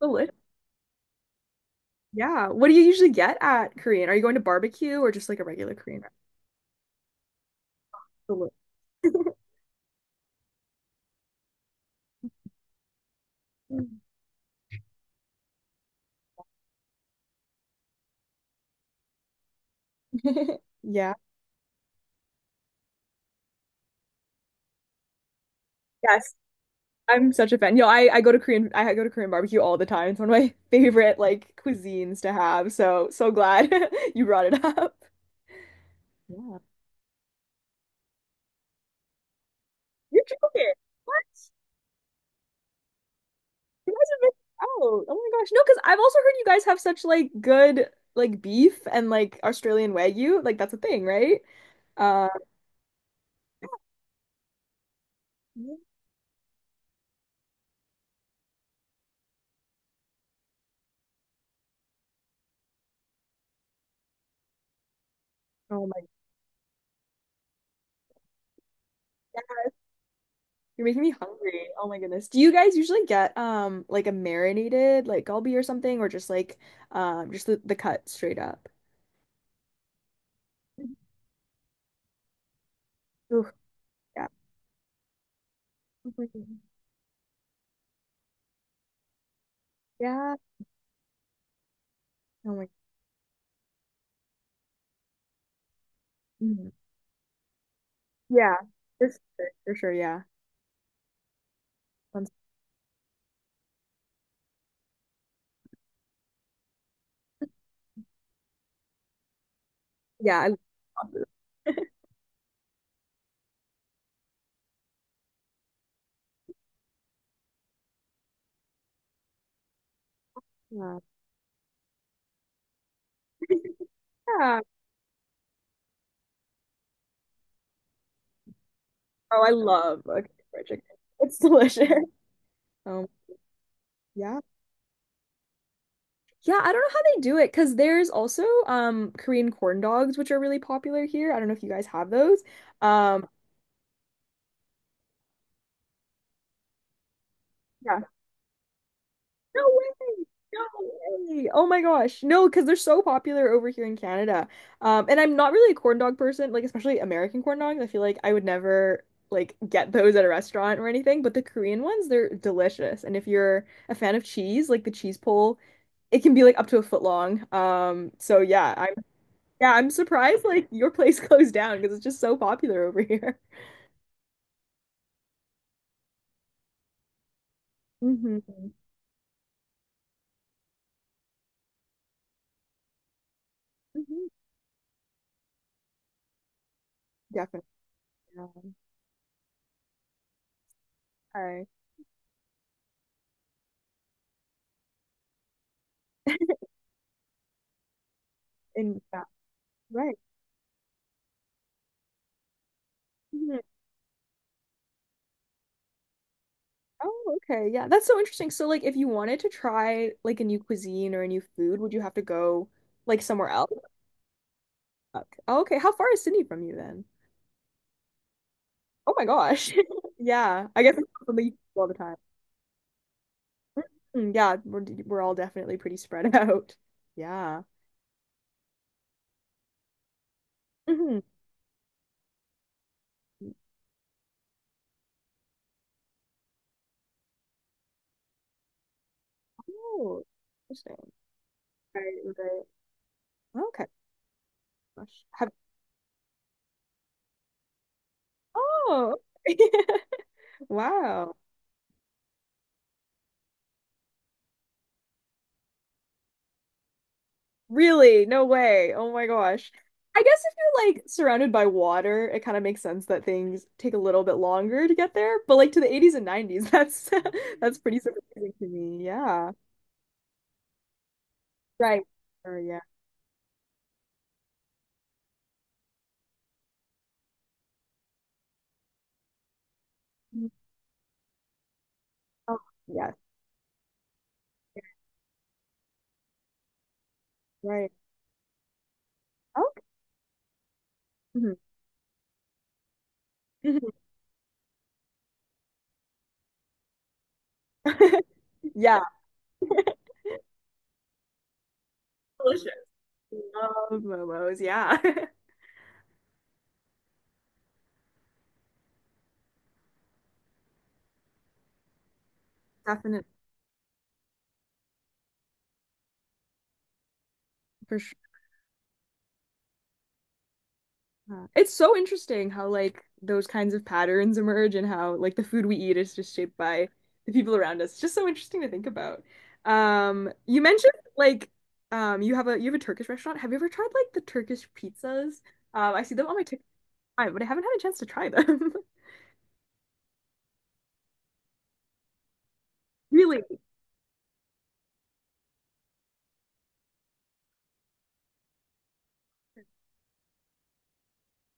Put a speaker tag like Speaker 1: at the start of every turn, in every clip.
Speaker 1: Deli- Yeah. What do you usually get at Korean? Are you going to barbecue or just like a regular Korean restaurant? Deli- Yeah. Yes. I'm such a fan. You know, I go to Korean barbecue all the time. It's one of my favorite like cuisines to have. So glad you brought it up. Yeah. You're joking. What? You guys are missing out. Oh my gosh. No, because I've also heard you guys have such like good like beef and like Australian Wagyu. Like that's a thing, right? Uh, oh my yeah, you're making me hungry. Oh my goodness. Do you guys usually get like a marinated like galbi or something or just like just the cut straight up? Oof, yeah. Oh my goodness. Yeah. Oh my mhm. Yeah. For sure, for sure, yeah. Um, yeah, I love it. Yeah. Oh, I love a Kentucky Fried Chicken. It's delicious. Um, yeah. Yeah, I don't know how they do it because there's also Korean corn dogs, which are really popular here. I don't know if you guys have those. Um, yeah. No way. No way. Oh my gosh. No, because they're so popular over here in Canada. And I'm not really a corn dog person, like especially American corn dogs. I feel like I would never like get those at a restaurant or anything, but the Korean ones, they're delicious. And if you're a fan of cheese, like the cheese pole, it can be like up to a foot long. Yeah, I'm surprised like your place closed down because it's just so popular over here. Hmm. Hmm. Definitely. Yeah. All right. And yeah, right. Mhm. Oh, okay. Yeah, that's so interesting. So, like, if you wanted to try like a new cuisine or a new food, would you have to go like somewhere else? Okay. Oh, okay. How far is Sydney from you then? Oh my gosh. Yeah, I guess it's something you do all the time. Mm, yeah, we're all definitely pretty spread out. Yeah. Hmm. Oh, interesting. Right, right. Okay. Gosh. Have, oh, wow. Really? No way. Oh my gosh. I guess if you're like surrounded by water, it kind of makes sense that things take a little bit longer to get there. But like to the 80s and 90s, that's that's pretty surprising to me. Yeah. Right. Or yeah. Mhm. Oh, yes. Right. Okay. Mhm. Mhm. Yeah. Delicious. Love momos. Yeah. Definitely. For it's so interesting how like those kinds of patterns emerge and how like the food we eat is just shaped by the people around us. It's just so interesting to think about. You mentioned like you have a Turkish restaurant. Have you ever tried like the Turkish pizzas? I see them on my TikTok, but I haven't had a chance to try them. Really?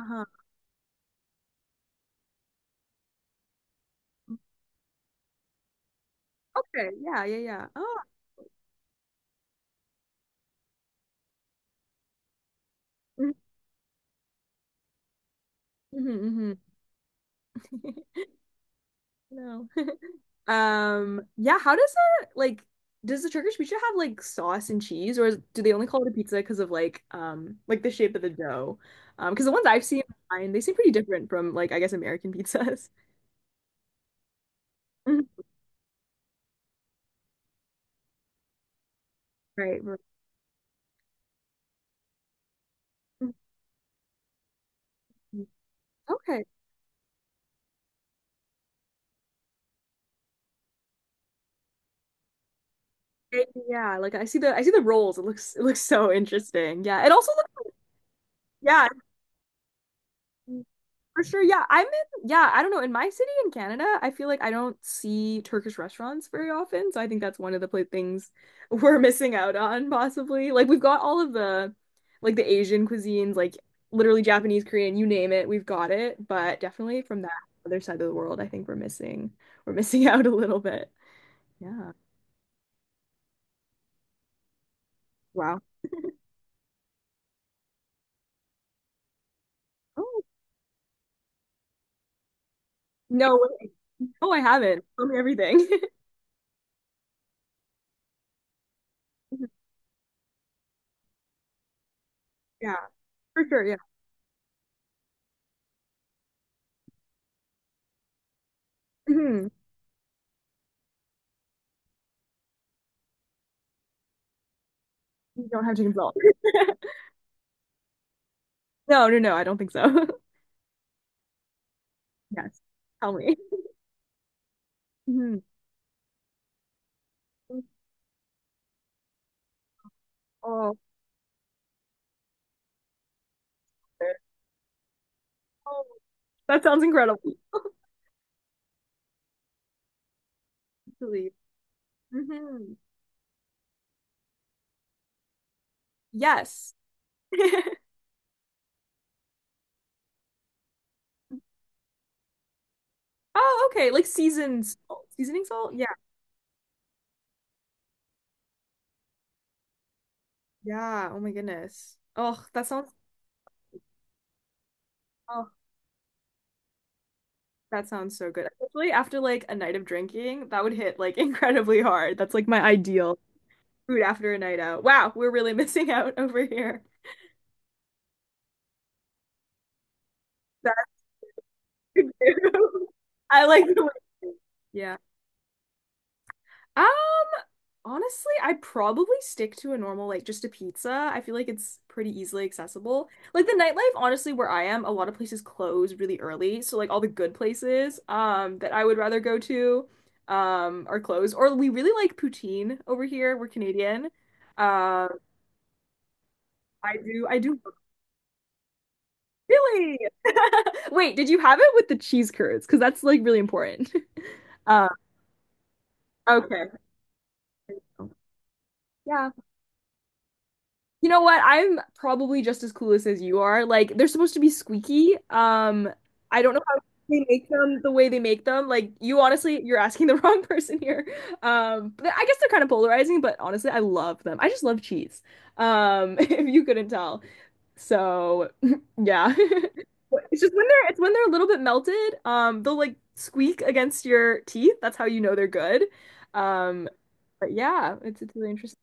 Speaker 1: Uh-huh. Okay. Yeah, yeah, yeah. Oh. Hmm. Hmm. No. Yeah, how does it like does the Turkish pizza have like sauce and cheese or is, do they only call it a pizza because of like the shape of the dough? Because the ones I've seen online, they seem pretty different from like I guess American pizzas. Mhm. Right, right. Mhm. Okay. Eh, yeah, like I see the rolls. It looks so interesting. Yeah. It also looks yeah. For sure, yeah. I don't know. In my city in Canada, I feel like I don't see Turkish restaurants very often. So I think that's one of the pla things we're missing out on, possibly. Like we've got all of the like the Asian cuisines, like literally Japanese, Korean, you name it, we've got it. But definitely from that other side of the world, I think we're missing out a little bit. Yeah. Wow. Oh, no way. Oh, I haven't. Tell me everything. Yeah, for sure. Yeah. Mhm. You don't have chicken salt. No, no, no, I don't think so. Yes. Tell me. Mhm. Oh, there. Oh, that sounds incredible. Really. Hmm. Yes. Oh, okay. Like seasoned salt. Seasoning salt? Yeah. Yeah. Oh my goodness. Oh, that sounds so good. Especially after like a night of drinking, that would hit like incredibly hard. That's like my ideal food after a night out. Wow, we're really missing out over here. That's I like the way. Yeah. Ah. Honestly, I'd probably stick to a normal, like just a pizza. I feel like it's pretty easily accessible. Like the nightlife, honestly, where I am, a lot of places close really early. So like all the good places that I would rather go to are closed. Or we really like poutine over here. We're Canadian. Uh, I do really wait, did you have it with the cheese curds? Because that's like really important. Uh, okay. Yeah. You know what? I'm probably just as clueless as you are. Like they're supposed to be squeaky. I don't know how they make them the way they make them. Like you honestly, you're asking the wrong person here. But I guess they're kind of polarizing, but honestly, I love them. I just love cheese. If you couldn't tell. So, yeah. It's just when they're a little bit melted, they'll like squeak against your teeth. That's how you know they're good. Um, but yeah, it's really interesting.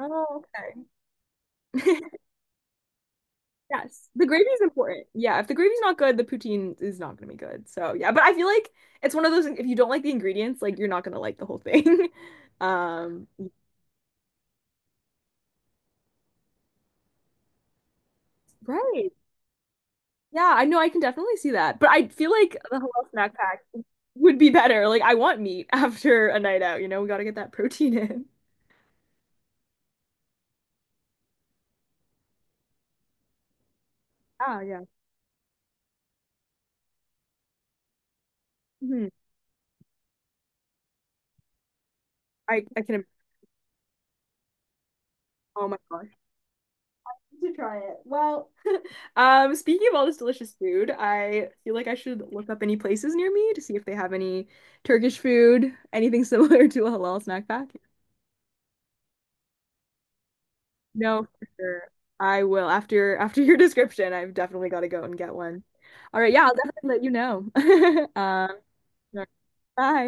Speaker 1: Oh, okay. Yes, the gravy is important. Yeah, if the gravy's not good, the poutine is not gonna be good. So yeah, but I feel like it's one of those things, if you don't like the ingredients, like you're not gonna like the whole thing. Um, right. Yeah, I know I can definitely see that. But I feel like the halal snack pack would be better. Like I want meat after a night out, you know, we gotta get that protein in. Ah, yeah. Mhm. I can. Oh my gosh. To try it. Well, speaking of all this delicious food, I feel like I should look up any places near me to see if they have any Turkish food, anything similar to a halal snack pack. No, for sure. I will after your description. I've definitely got to go and get one. All right, yeah, I'll definitely let you know. Um, bye.